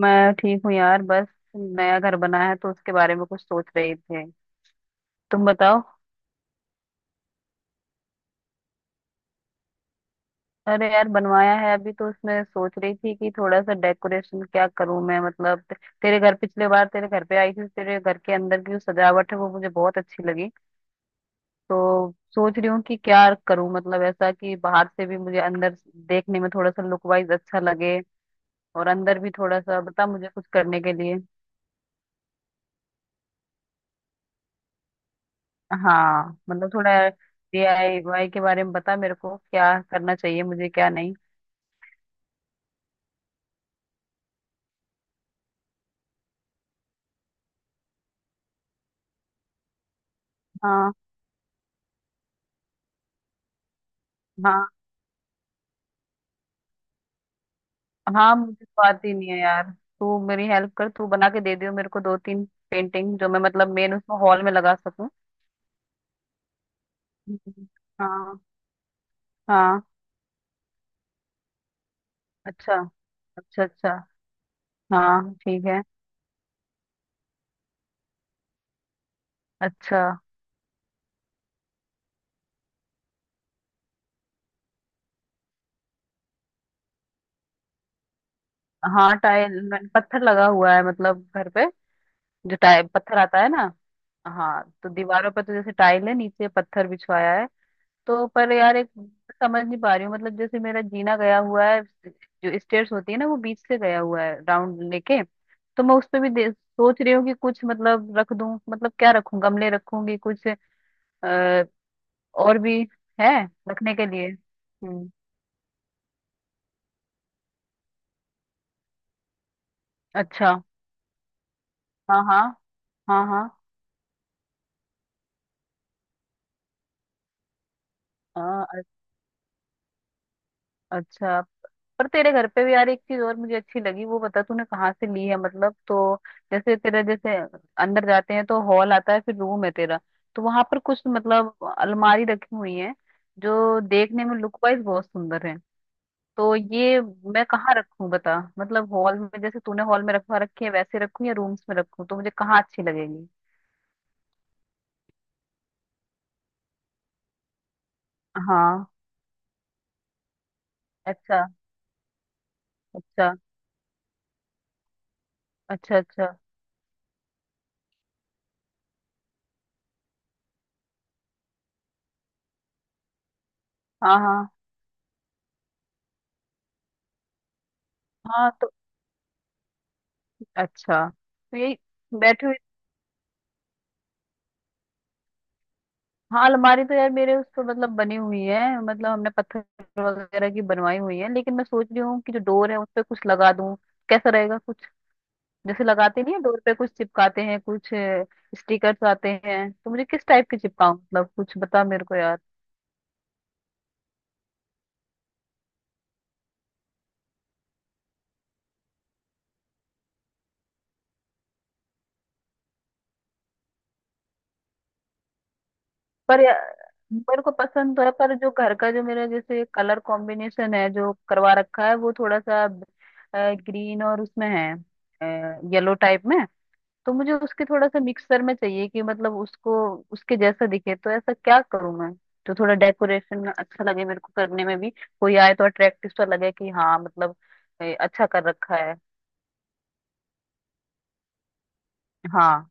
मैं ठीक हूँ यार बस नया घर बना है तो उसके बारे में कुछ सोच रही थी। तुम बताओ। अरे यार बनवाया है अभी तो उसमें सोच रही थी कि थोड़ा सा डेकोरेशन क्या करूं मैं मतलब तेरे घर पिछले बार तेरे घर पे आई थी तेरे घर के अंदर की जो सजावट है वो मुझे बहुत अच्छी लगी। तो सोच रही हूँ कि क्या करूं मतलब ऐसा कि बाहर से भी मुझे अंदर देखने में थोड़ा सा लुक वाइज अच्छा लगे और अंदर भी थोड़ा सा बता मुझे कुछ करने के लिए। हाँ मतलब थोड़ा डीआईवाई के बारे में बता मेरे को क्या करना चाहिए मुझे क्या नहीं। हाँ। हाँ। हाँ मुझे तो आती नहीं है यार तू मेरी हेल्प कर तू बना के दे दियो मेरे को दो तीन पेंटिंग जो मैं मतलब मेन उसमें हॉल में लगा सकूं। हम्म। हाँ। हाँ। अच्छा अच्छा। अच्छा। हाँ ठीक है। अच्छा। हाँ टाइल मैंने पत्थर लगा हुआ है मतलब घर पे। जो टाइल पत्थर आता है ना। हाँ तो दीवारों पे तो जैसे टाइल है नीचे पत्थर बिछवाया है। तो पर यार एक समझ नहीं पा रही हूँ मतलब जैसे मेरा जीना गया हुआ है जो स्टेयर्स होती है ना वो बीच से गया हुआ है राउंड लेके। तो मैं उस पे भी सोच रही हूँ कि कुछ मतलब रख दूँ मतलब क्या रखूँ गमले रखूंगी कुछ आ, और भी है रखने के लिए। हम्म। अच्छा। हाँ हाँ। हाँ। हाँ। अच्छा। पर तेरे घर पे भी यार एक चीज और मुझे अच्छी लगी वो बता तूने कहाँ से ली है मतलब तो जैसे तेरा जैसे अंदर जाते हैं तो हॉल आता है फिर रूम है तेरा तो वहां पर कुछ मतलब अलमारी रखी हुई है जो देखने में लुक वाइज बहुत सुंदर है। तो ये मैं कहाँ रखूं बता मतलब हॉल में जैसे तूने हॉल में रखवा रखी है वैसे रखूं या रूम्स में रखूं तो मुझे कहाँ अच्छी लगेगी। हाँ। अच्छा अच्छा। अच्छा। अच्छा। हाँ हाँ। हाँ तो अच्छा तो यही बैठे हुए। हाँ अलमारी तो यार मेरे उस पर मतलब बनी हुई है मतलब हमने पत्थर वगैरह की बनवाई हुई है लेकिन मैं सोच रही हूँ कि जो डोर है उस पे कुछ लगा दूँ कैसा रहेगा कुछ जैसे लगाते नहीं है डोर पे कुछ चिपकाते हैं कुछ स्टिकर्स आते हैं तो मुझे किस टाइप के चिपकाऊं मतलब कुछ बता मेरे को यार। पर मेरे को पसंद तो है पर जो घर का जो मेरा जैसे कलर कॉम्बिनेशन है जो करवा रखा है वो थोड़ा सा ग्रीन और उसमें है येलो टाइप में। तो मुझे उसके थोड़ा सा मिक्सर में चाहिए कि मतलब उसको उसके जैसा दिखे तो ऐसा क्या करूं मैं जो थोड़ा डेकोरेशन अच्छा लगे मेरे को करने में भी कोई आए तो अट्रैक्टिव सा लगे कि हाँ मतलब अच्छा कर रखा है। हाँ।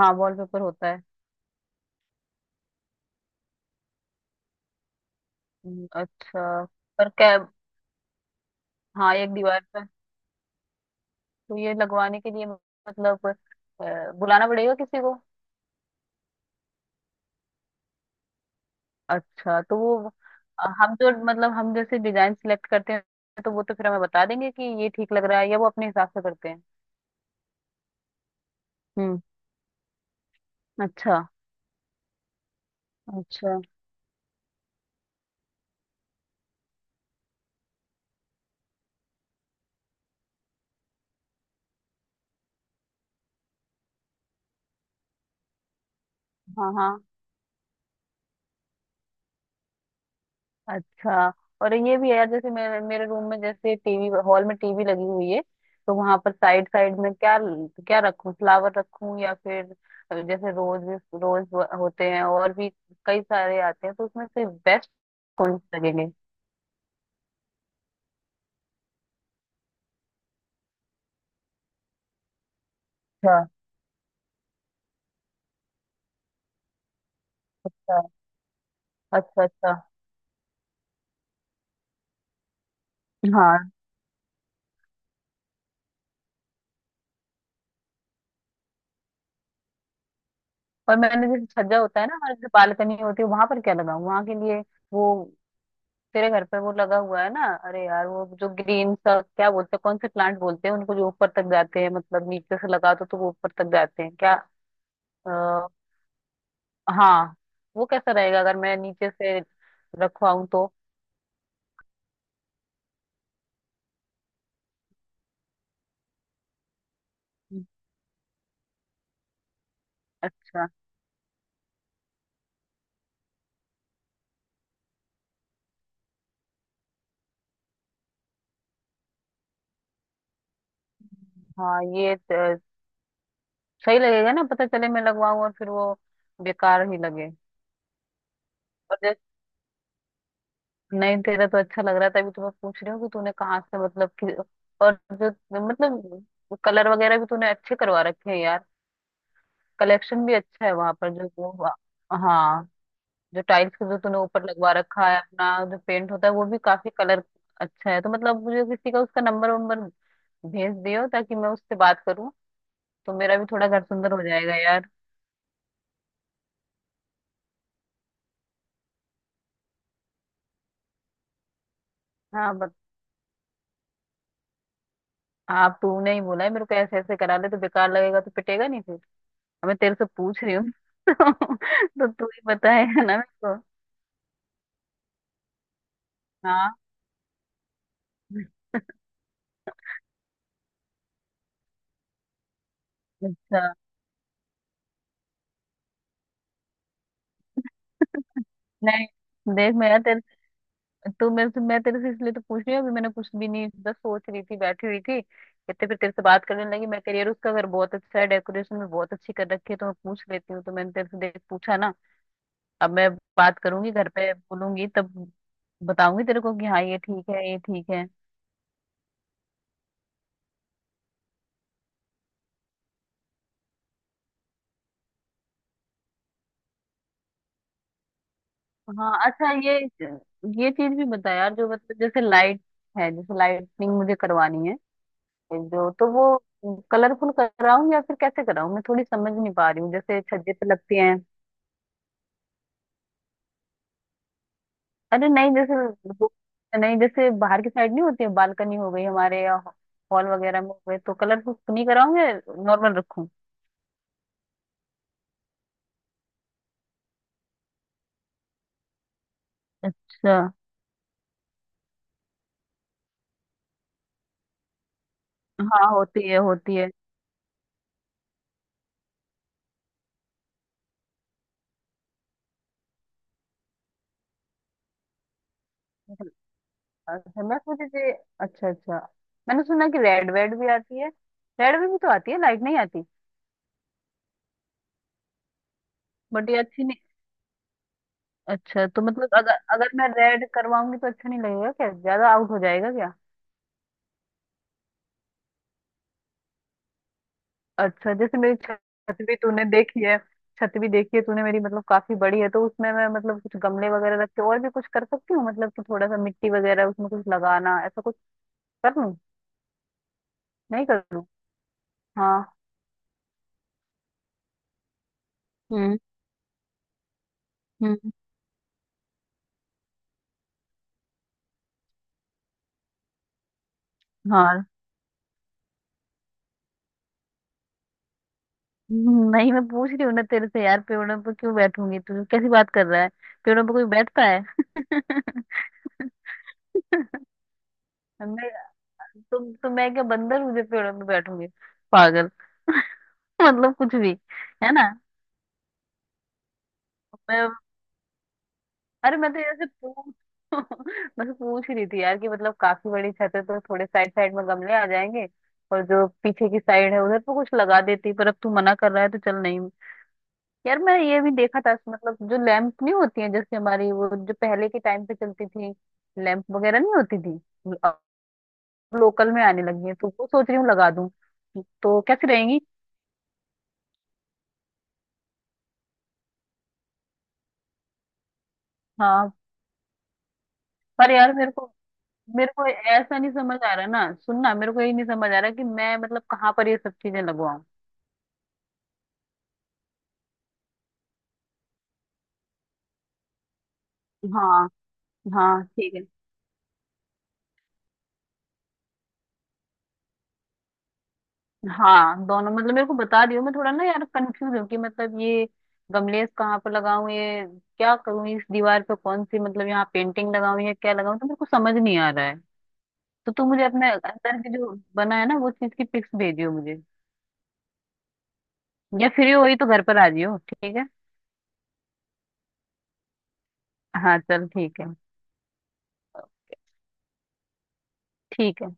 हाँ वॉलपेपर होता है। अच्छा। पर क्या। हाँ एक दीवार पे। तो ये लगवाने के लिए मतलब बुलाना पड़ेगा किसी को। अच्छा तो वो हम जो मतलब हम जैसे डिजाइन सिलेक्ट करते हैं तो वो तो फिर हमें बता देंगे कि ये ठीक लग रहा है या वो अपने हिसाब से करते हैं। अच्छा। अच्छा। हाँ हाँ। अच्छा। और ये भी है यार जैसे मेरे मेरे रूम में जैसे टीवी हॉल में टीवी लगी हुई है तो वहां पर साइड साइड में क्या क्या रखूं फ्लावर रखूं या फिर जैसे रोज रोज होते हैं और भी कई सारे आते हैं तो उसमें से बेस्ट कौन से लगेंगे। अच्छा अच्छा। अच्छा अच्छा। हाँ। और मैंने जैसे छज्जा होता है ना हमारे जो बालकनी होती है वहां पर क्या लगाऊं वहां के लिए वो तेरे घर पे वो लगा हुआ है ना अरे यार वो जो ग्रीन सा क्या बोलते हैं कौन से प्लांट बोलते हैं उनको जो ऊपर तक जाते हैं मतलब नीचे से लगा दो तो वो ऊपर तक जाते हैं क्या आ, हाँ वो कैसा रहेगा अगर मैं नीचे से रखवाऊं तो। अच्छा। हाँ। सही लगेगा ना पता चले मैं लगवाऊं और फिर वो बेकार ही लगे और जैसे नहीं तेरा तो अच्छा लग रहा था अभी तो मैं पूछ रही हूँ कि तूने कहाँ से मतलब कि और जो मतलब कलर वगैरह भी तूने अच्छे करवा रखे हैं यार कलेक्शन भी अच्छा है वहां पर जो वो। हाँ जो टाइल्स का जो तूने ऊपर लगवा रखा है अपना जो पेंट होता है वो भी काफी कलर अच्छा है तो मतलब मुझे किसी का उसका नंबर वंबर भेज दियो ताकि मैं उससे बात करूँ तो मेरा भी थोड़ा घर सुंदर हो जाएगा यार। हाँ बत आप तूने ही बोला है मेरे को ऐसे ऐसे करा ले तो बेकार लगेगा तो पिटेगा नहीं फिर। अब मैं तेरे से पूछ रही हूँ तो तो तू ही बताएगा ना मेरे को। हाँ। अच्छा। नहीं देख मैं यार तो मैं तेरे से इसलिए तो पूछ रही हूँ अभी मैंने कुछ भी नहीं बस सोच रही थी बैठी हुई थी इतने फिर तेरे से बात करने लगी मैं करियर उसका अगर बहुत अच्छा है डेकोरेशन में बहुत अच्छी कर रखी है तो मैं पूछ लेती हूँ तो मैंने तेरे से देख पूछा ना। अब मैं बात करूंगी घर पे बोलूंगी तब बताऊंगी तेरे को कि हाँ ये ठीक है ये ठीक है। हाँ अच्छा ये चीज भी बता यार जो मतलब जैसे लाइट है जैसे लाइटिंग मुझे करवानी है जो तो वो कलरफुल कराऊं या फिर कैसे कराऊं मैं थोड़ी समझ नहीं पा रही हूँ जैसे छज्जे पे लगती है। अरे नहीं जैसे वो- नहीं जैसे बाहर की साइड नहीं होती है बालकनी हो गई हमारे या हॉल वगैरह में हो गए तो कलरफुल नहीं कराऊंगे नॉर्मल रखूं। अच्छा। हाँ होती है होती है। अच्छा मैं सोची थी। अच्छा अच्छा। मैंने सुना कि रेड वेड भी आती है रेड में भी तो आती है लाइट नहीं आती। बट ये अच्छी नहीं। अच्छा तो मतलब अगर अगर मैं रेड करवाऊंगी तो अच्छा नहीं लगेगा क्या ज्यादा आउट हो जाएगा क्या। अच्छा जैसे मेरी छत भी तूने देखी है छत भी देखी है तूने मेरी मतलब काफी बड़ी है तो उसमें मैं मतलब कुछ गमले वगैरह रख के और भी कुछ कर सकती हूँ मतलब कि थोड़ा सा मिट्टी वगैरह उसमें कुछ लगाना ऐसा कुछ कर लूँ। नहीं कर लूँ। हाँ। हम्म। हम्म। हाँ। नहीं मैं पूछ रही हूँ ना तेरे से यार पेड़ों पर क्यों बैठूंगी तू कैसी बात कर रहा है पेड़ों पर कोई बैठता है। मैं तुम तो मैं क्या बंदर हूँ जो पेड़ों पे बैठूंगी पागल मतलब कुछ भी है ना। अरे मैं तो जैसे पूछ बस पूछ ही रही थी यार कि मतलब काफी बड़ी छत है तो थोड़े साइड साइड में गमले आ जाएंगे और जो पीछे की साइड है उधर तो कुछ लगा देती पर अब तू मना कर रहा है तो चल नहीं। यार मैं ये भी देखा था मतलब जो लैंप नहीं होती है जैसे हमारी वो जो पहले के टाइम पे चलती थी लैंप वगैरह नहीं होती थी अब लोकल में आने लगी है तो वो सोच रही हूँ लगा दूं तो कैसी रहेंगी। हाँ पर यार मेरे को ऐसा नहीं समझ आ रहा ना सुनना मेरे को ये नहीं समझ आ रहा कि मैं मतलब कहाँ पर ये सब चीजें लगवाऊं। हाँ। हाँ ठीक है। हाँ दोनों मतलब मेरे को बता दियो मैं थोड़ा ना यार कंफ्यूज हूँ कि मतलब ये गमलेस कहाँ पर लगाऊं ये क्या करूँ इस दीवार पे कौन सी मतलब यहाँ पेंटिंग लगाऊं या क्या लगाऊं तो मेरे को समझ नहीं आ रहा है। तो तू मुझे अपने अंदर की जो बना है ना वो चीज की पिक्स भेजियो मुझे या फ्री हो ही तो घर पर आ जियो ठीक है। हाँ चल ठीक है। ठीक है।